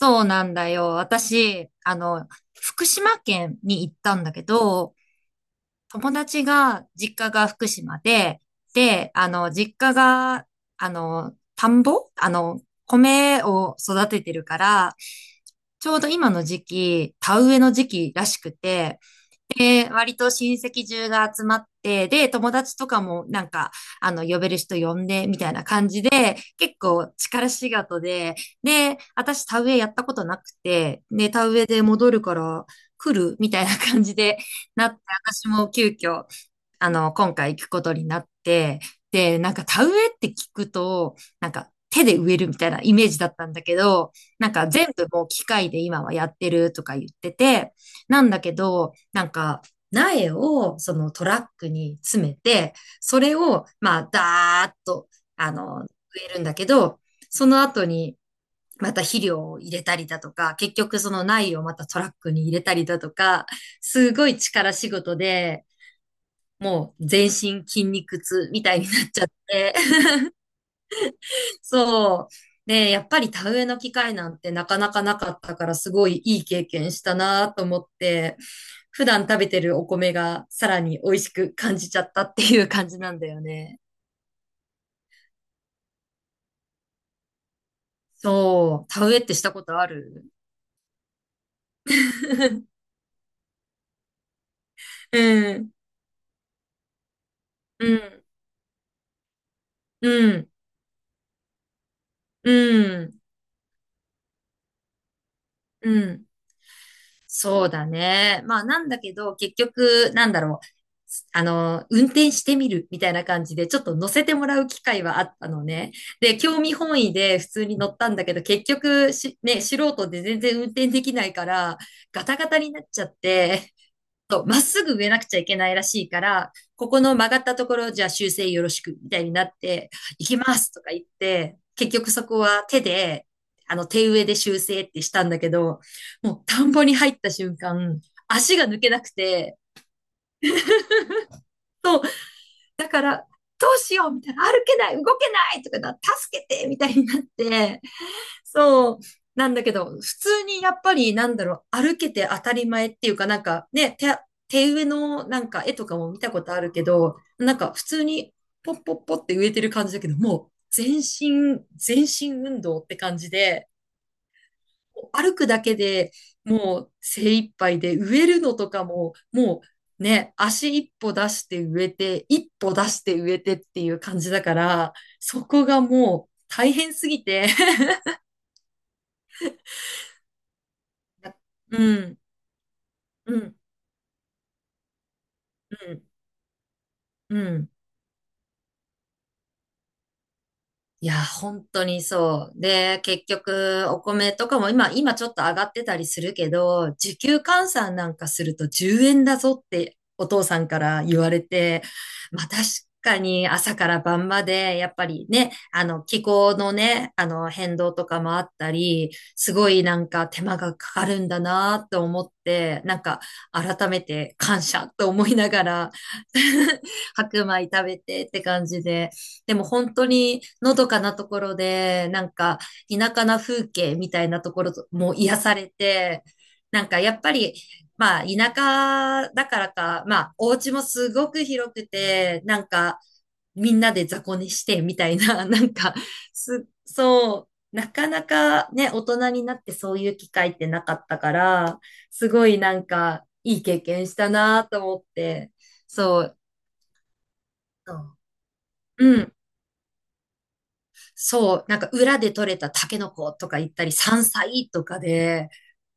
そうなんだよ。私、福島県に行ったんだけど、友達が、実家が福島で、で、実家が、あの、田んぼあの、米を育ててるから、ちょうど今の時期、田植えの時期らしくて、で、割と親戚中が集まって、で、友達とかもなんか、呼べる人呼んで、みたいな感じで、結構力仕事で、で、私田植えやったことなくて、で、田植えで戻るから来るみたいな感じでなって、私も急遽今回行くことになって、で、なんか田植えって聞くと、なんか手で植えるみたいなイメージだったんだけど、なんか全部もう機械で今はやってるとか言ってて、なんだけど、なんか苗をそのトラックに詰めて、それをまあダーッと、植えるんだけど、その後に、また肥料を入れたりだとか、結局その苗をまたトラックに入れたりだとか、すごい力仕事で、もう全身筋肉痛みたいになっちゃって、そう。で、やっぱり田植えの機会なんてなかなかなかったから、すごいいい経験したなと思って、普段食べてるお米がさらに美味しく感じちゃったっていう感じなんだよね。そう。田植えってしたことある？ うん。うん。うん。うん。うん。そうだね。まあ、なんだけど、結局、なんだろう。運転してみるみたいな感じで、ちょっと乗せてもらう機会はあったのね。で、興味本位で普通に乗ったんだけど、結局し、ね、素人で全然運転できないから、ガタガタになっちゃって、とまっすぐ植えなくちゃいけないらしいから、ここの曲がったところじゃあ修正よろしくみたいになって、行きますとか言って、結局そこは手で、手植えで修正ってしたんだけど、もう田んぼに入った瞬間、足が抜けなくて、そう、だから、どうしようみたいな、歩けない、動けないとかな、助けてみたいになって、そう。なんだけど、普通にやっぱりなんだろう、歩けて当たり前っていうかなんかね、手植えのなんか絵とかも見たことあるけど、なんか普通にポッポッポって植えてる感じだけど、もう全身、全身運動って感じで、歩くだけでもう精一杯で植えるのとかも、もうね、足一歩出して植えて、一歩出して植えてっていう感じだから、そこがもう大変すぎて、うん、うん。うん。うん。いや、本当にそう。で、結局、お米とかも今ちょっと上がってたりするけど、時給換算なんかすると10円だぞってお父さんから言われて、まあ確かに朝から晩まで、やっぱりね、気候のね、変動とかもあったり、すごいなんか手間がかかるんだなと思って、なんか改めて感謝と思いながら 白米食べてって感じで、でも本当にのどかなところで、なんか田舎な風景みたいなところとも癒されて、なんかやっぱり、まあ田舎だからか、まあお家もすごく広くて、なんかみんなで雑魚寝してみたいな、なんか、そう、なかなかね、大人になってそういう機会ってなかったから、すごいなんかいい経験したなと思って、そう、そう、うん。そう、なんか裏で採れたタケノコとか言ったり、山菜とかで、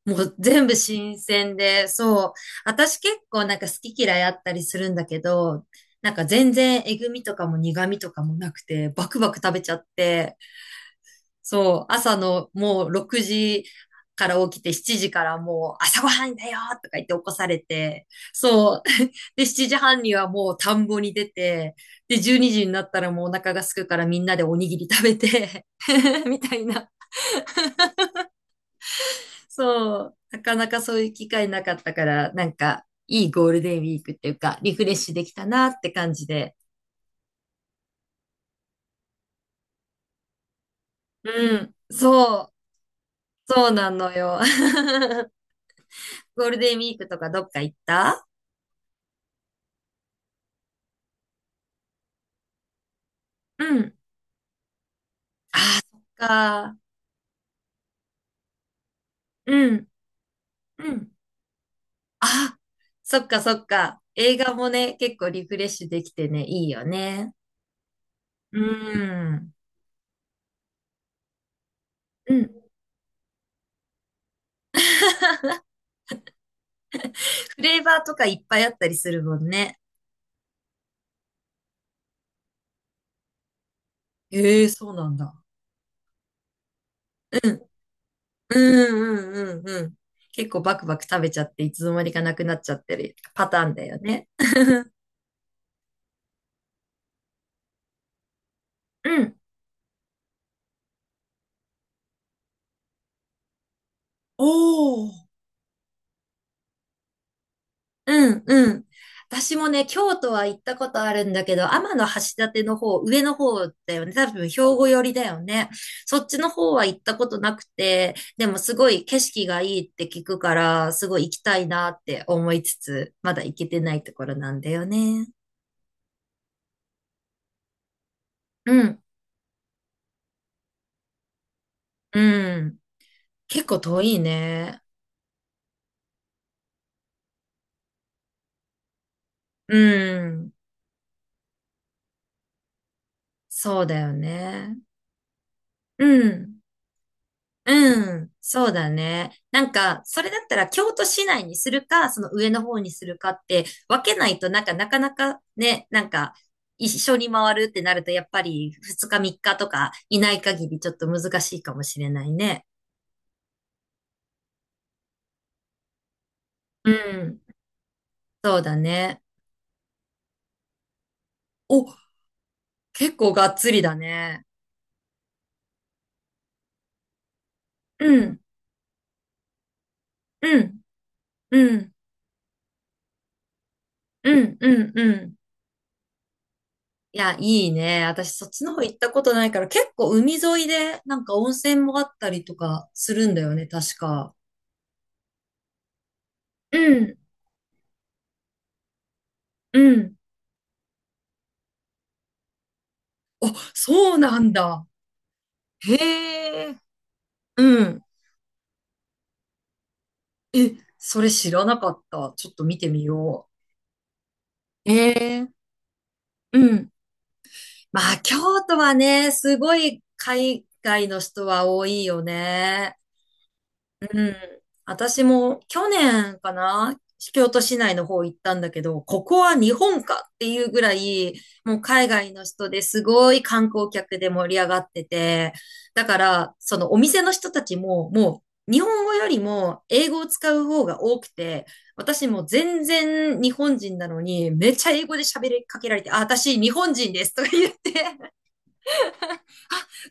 もう全部新鮮で、そう。私結構なんか好き嫌いあったりするんだけど、なんか全然えぐみとかも苦みとかもなくて、バクバク食べちゃって、そう、朝のもう6時から起きて7時からもう朝ごはんだよとか言って起こされて、そう。で、7時半にはもう田んぼに出て、で、12時にになったらもうお腹が空くからみんなでおにぎり食べて みたいな。そう。なかなかそういう機会なかったから、なんかいいゴールデンウィークっていうか、リフレッシュできたなって感じで。うん。そう。そうなのよ。ゴールデンウィークとかどっか行った？うん。ああ、そっか。うん、うん。あ、そっかそっか。映画もね、結構リフレッシュできてね、いいよね。うん。うん。フレーバーとかいっぱいあったりするもんね。ええ、そうなんだ。うん。うんうんうんうん。結構バクバク食べちゃって、いつの間にかなくなっちゃってるパターンだよね。うん。おー、うん、うん。私もね、京都は行ったことあるんだけど、天橋立の方、上の方だよね。多分、兵庫寄りだよね。そっちの方は行ったことなくて、でもすごい景色がいいって聞くから、すごい行きたいなって思いつつ、まだ行けてないところなんだよね。うん、うん。結構遠いね。うん。そうだよね。うん。うん、そうだね。なんか、それだったら京都市内にするか、その上の方にするかって分けないと、なんか、なかなかね、なんか、一緒に回るってなると、やっぱり2日3日とかいない限りちょっと難しいかもしれないね。うん、そうだね。お、結構がっつりだね。うん、うん、うん、うん、うん、うん。いや、いいね。私、そっちの方行ったことないから、結構海沿いで、なんか温泉もあったりとかするんだよね、確か。うん、うん。あ、そうなんだ。へえ、うん。え、それ知らなかった。ちょっと見てみよう。ええ、うん。まあ、京都はね、すごい海外の人は多いよね。うん。私も去年かな、京都市内の方行ったんだけど、ここは日本かっていうぐらい、もう海外の人ですごい観光客で盛り上がってて、だから、そのお店の人たちも、もう日本語よりも英語を使う方が多くて、私も全然日本人なのに、めっちゃ英語で喋りかけられて、あ、私日本人ですとか言って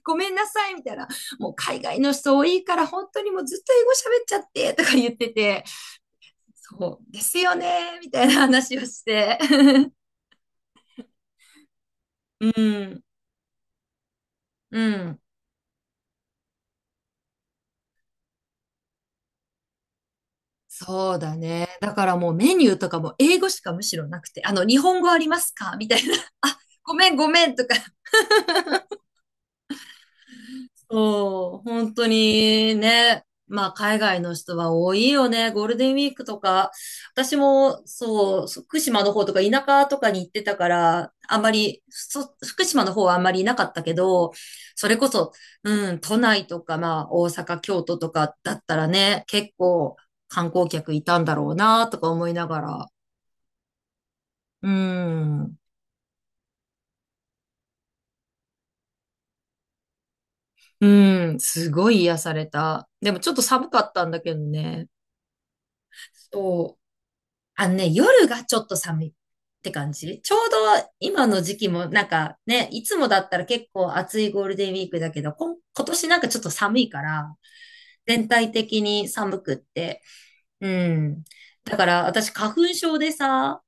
ごめんなさい、みたいな。もう海外の人多いから、本当にもうずっと英語喋っちゃって、とか言ってて、そうですよね、みたいな話をして。うん、うん。そうだね。だからもうメニューとかも英語しかむしろなくて、日本語ありますかみたいな。あ、ごめん、ごめんとか、そう、本当にね、まあ海外の人は多いよね、ゴールデンウィークとか。私もそう、福島の方とか田舎とかに行ってたから、あんまり、福島の方はあんまりいなかったけど、それこそ、うん、都内とか、まあ大阪、京都とかだったらね、結構観光客いたんだろうな、とか思いながら。うん、うん、すごい癒された。でもちょっと寒かったんだけどね。そう。あのね、夜がちょっと寒いって感じ。ちょうど今の時期もなんかね、いつもだったら結構暑いゴールデンウィークだけど、今年なんかちょっと寒いから、全体的に寒くって。うん。だから私花粉症でさ、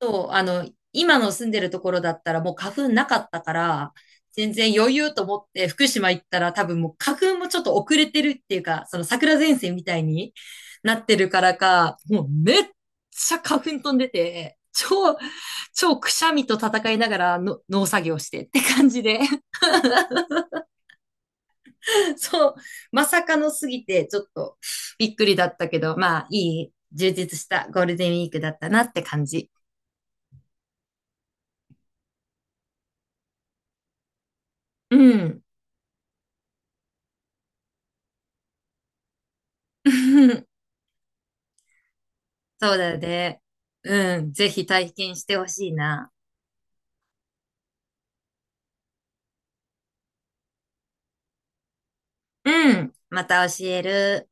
そう、今の住んでるところだったらもう花粉なかったから、全然余裕と思って福島行ったら多分もう花粉もちょっと遅れてるっていうか、その桜前線みたいになってるからか、もうめっちゃ花粉飛んでて、超、超くしゃみと戦いながらの農作業してって感じで、そう、まさかのすぎてちょっとびっくりだったけど、まあいい充実したゴールデンウィークだったなって感じ。うん。そうだね。うん。ぜひ体験してほしいな。うん。また教える。